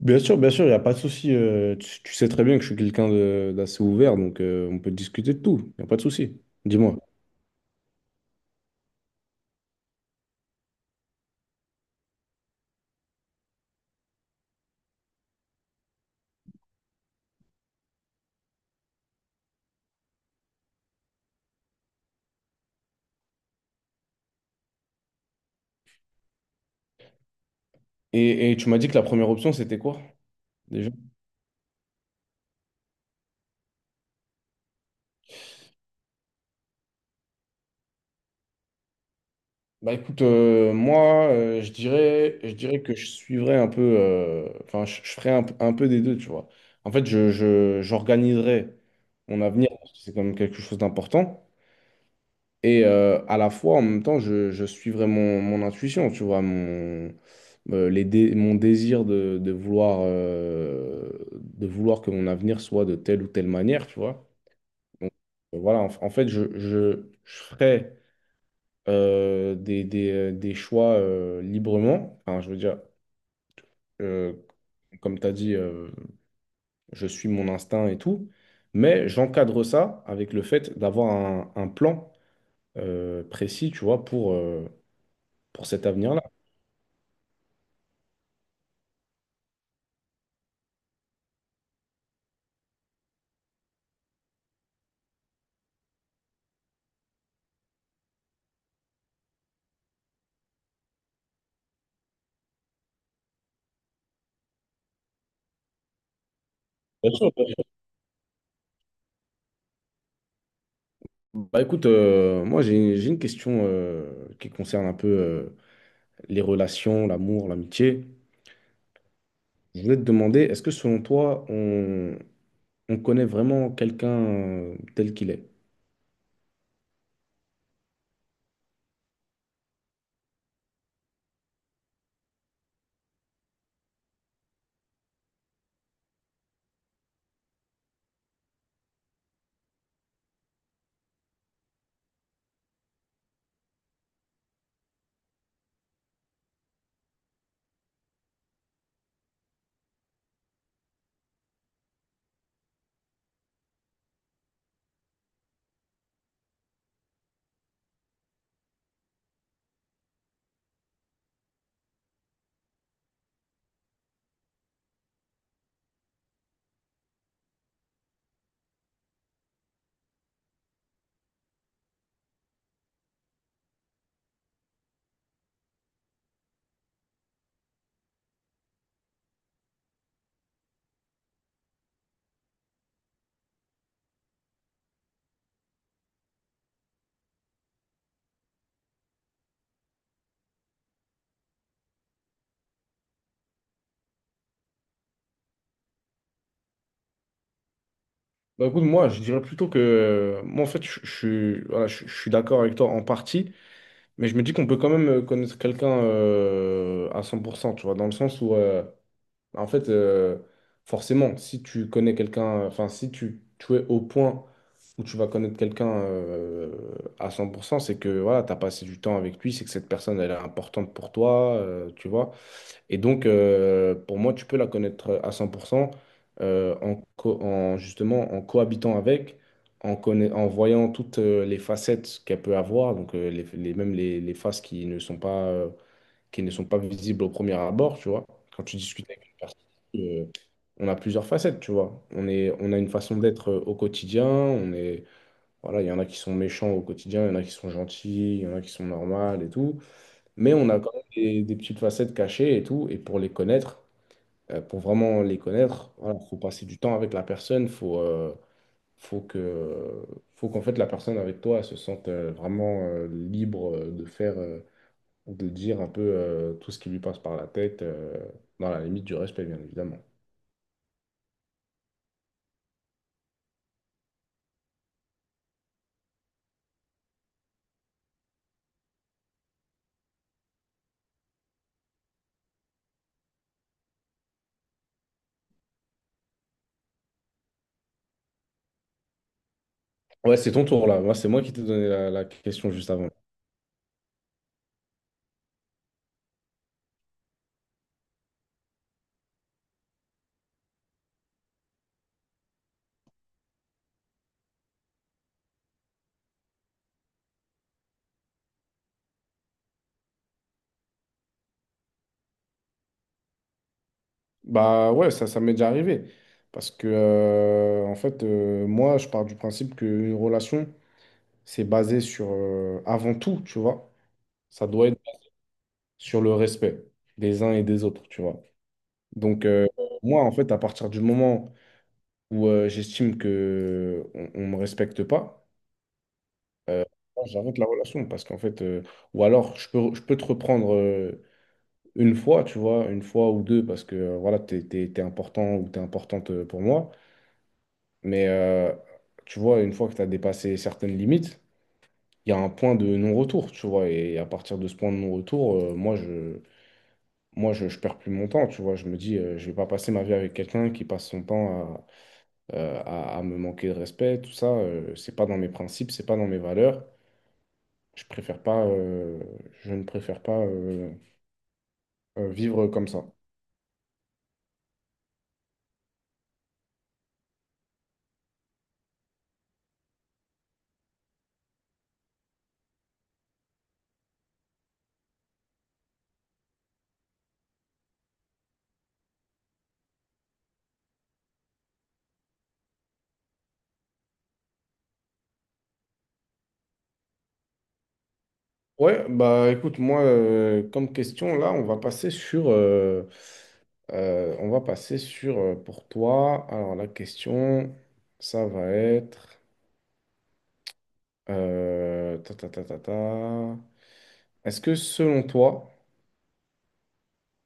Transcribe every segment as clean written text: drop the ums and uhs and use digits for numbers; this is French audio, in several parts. Bien sûr, il n'y a pas de souci. Tu sais très bien que je suis quelqu'un d'assez ouvert, donc on peut discuter de tout. Il n'y a pas de souci. Dis-moi. Et tu m'as dit que la première option, c'était quoi déjà? Bah écoute, moi, je dirais que je suivrais un peu, enfin, je ferais un, un peu des deux, tu vois. En fait, j'organiserais mon avenir, parce que c'est quand même quelque chose d'important. Et à la fois, en même temps, je suivrais mon, mon intuition, tu vois, mon, mon désir de vouloir que mon avenir soit de telle ou telle manière, tu vois. Donc, voilà, en fait, je ferai des choix librement. Enfin, je veux dire, euh, comme tu as dit, je suis mon instinct et tout. Mais j'encadre ça avec le fait d'avoir un plan précis, tu vois, pour cet avenir-là. Bien sûr, bien sûr. Bah écoute, moi j'ai une question qui concerne un peu les relations, l'amour, l'amitié. Je voulais te demander, est-ce que selon toi, on connaît vraiment quelqu'un tel qu'il est? Bah écoute, moi, je dirais plutôt que. Moi, en fait, je suis d'accord avec toi en partie, mais je me dis qu'on peut quand même connaître quelqu'un à 100%, tu vois, dans le sens où. En fait, forcément, si tu connais quelqu'un, enfin, si tu, tu es au point où tu vas connaître quelqu'un à cent, pour cent, c'est que voilà, tu as passé du temps avec lui, c'est que cette personne, elle est importante pour toi, tu vois. Et donc, pour moi, tu peux la connaître à 100% justement en cohabitant avec, en voyant toutes les facettes qu'elle peut avoir, donc même les faces qui ne sont pas qui ne sont pas visibles au premier abord, tu vois. Quand tu discutes avec une personne, euh, on a plusieurs facettes, tu vois. On a une façon d'être au quotidien, on est, voilà, il y en a qui sont méchants au quotidien, il y en a qui sont gentils, il y en a qui sont normales et tout. Mais on a quand même des petites facettes cachées et tout. Et pour les connaître, pour vraiment les connaître, voilà, faut passer du temps avec la personne, faut que, faut qu'en fait la personne avec toi elle se sente vraiment libre de faire. De dire un peu tout ce qui lui passe par la tête, dans la limite du respect, bien évidemment. Ouais, c'est ton tour là. Moi, c'est moi qui t'ai donné la, la question juste avant. Bah ouais, ça m'est déjà arrivé. Parce que, en fait, moi, je pars du principe qu'une relation, c'est basé sur, avant tout, tu vois, ça doit être sur le respect des uns et des autres, tu vois. Donc, moi, en fait, à partir du moment où j'estime que on me respecte pas, euh, moi, j'arrête la relation parce qu'en fait, ou alors je peux te reprendre une fois, tu vois, une fois ou deux parce que voilà, t'es important ou t'es importante pour moi, mais tu vois, une fois que t'as dépassé certaines limites, il y a un point de non-retour, tu vois, et à partir de ce point de non-retour, moi je perds plus mon temps, tu vois, je me dis, je vais pas passer ma vie avec quelqu'un qui passe son temps à me manquer de respect, tout ça, c'est pas dans mes principes, c'est pas dans mes valeurs. Je préfère pas, euh, je ne préfère pas vivre comme ça. Ouais, bah écoute, moi, comme question, là, on va passer sur, on va passer sur pour toi. Alors la question, ça va être, ta, ta, ta, ta, ta. Est-ce que selon toi,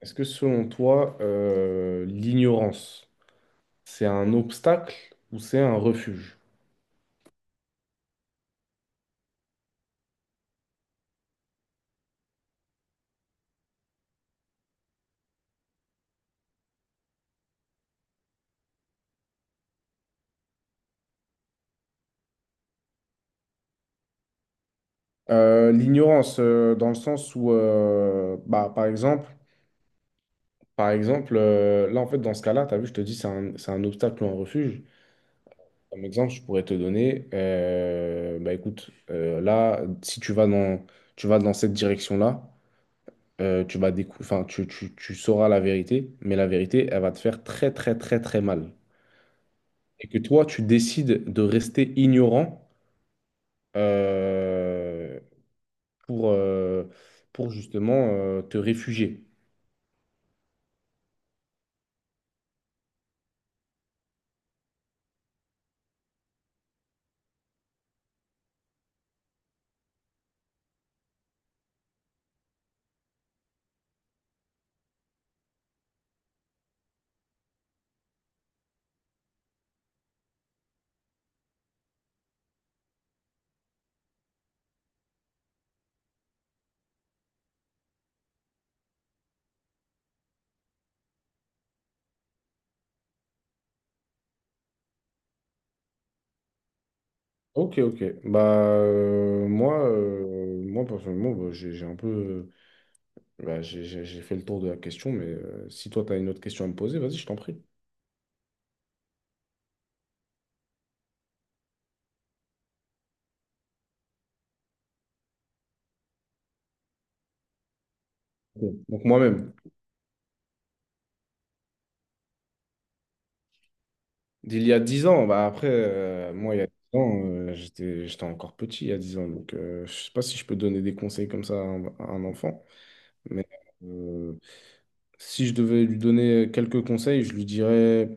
l'ignorance, c'est un obstacle ou c'est un refuge? L'ignorance, dans le sens où, bah, par exemple, par exemple, là, en fait, dans ce cas-là, tu as vu, je te dis, c'est un obstacle ou un refuge. Comme exemple, je pourrais te donner, bah écoute, là, si tu vas dans, tu vas dans cette direction-là, enfin, tu sauras la vérité, mais la vérité, elle va te faire très, très, très, très mal. Et que toi, tu décides de rester ignorant euh, pour, euh, pour justement te réfugier. Ok, ok. Bah, moi, personnellement, bah, j'ai un peu. Bah, j'ai fait le tour de la question, mais si toi, tu as une autre question à me poser, vas-y, je t'en prie. Bon. Donc moi-même, d'il y a 10 ans, bah après, moi, il y a 10 ans, j'étais encore petit, il y a 10 ans. Donc je sais pas si je peux donner des conseils comme ça à un enfant, mais euh, si je devais lui donner quelques conseils,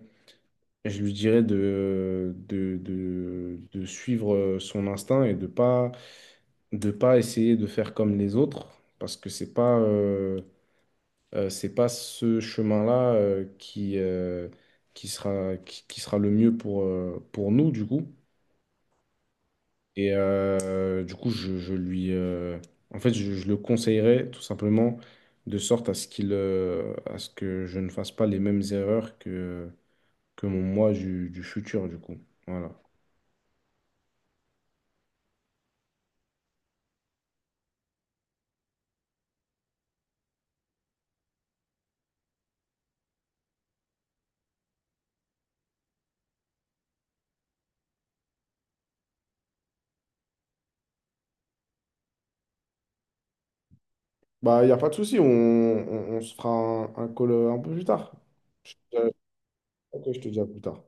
je lui dirais de suivre son instinct et de pas essayer de faire comme les autres, parce que c'est pas ce chemin-là qui sera, qui sera le mieux pour nous, du coup. Et du coup, je lui, en fait, je le conseillerais tout simplement de sorte à ce qu'il, à ce que je ne fasse pas les mêmes erreurs que mon moi du futur, du coup. Voilà. Bah, il n'y a pas de souci, on se fera un call un peu plus tard. Je te- ok, je te dis à plus tard.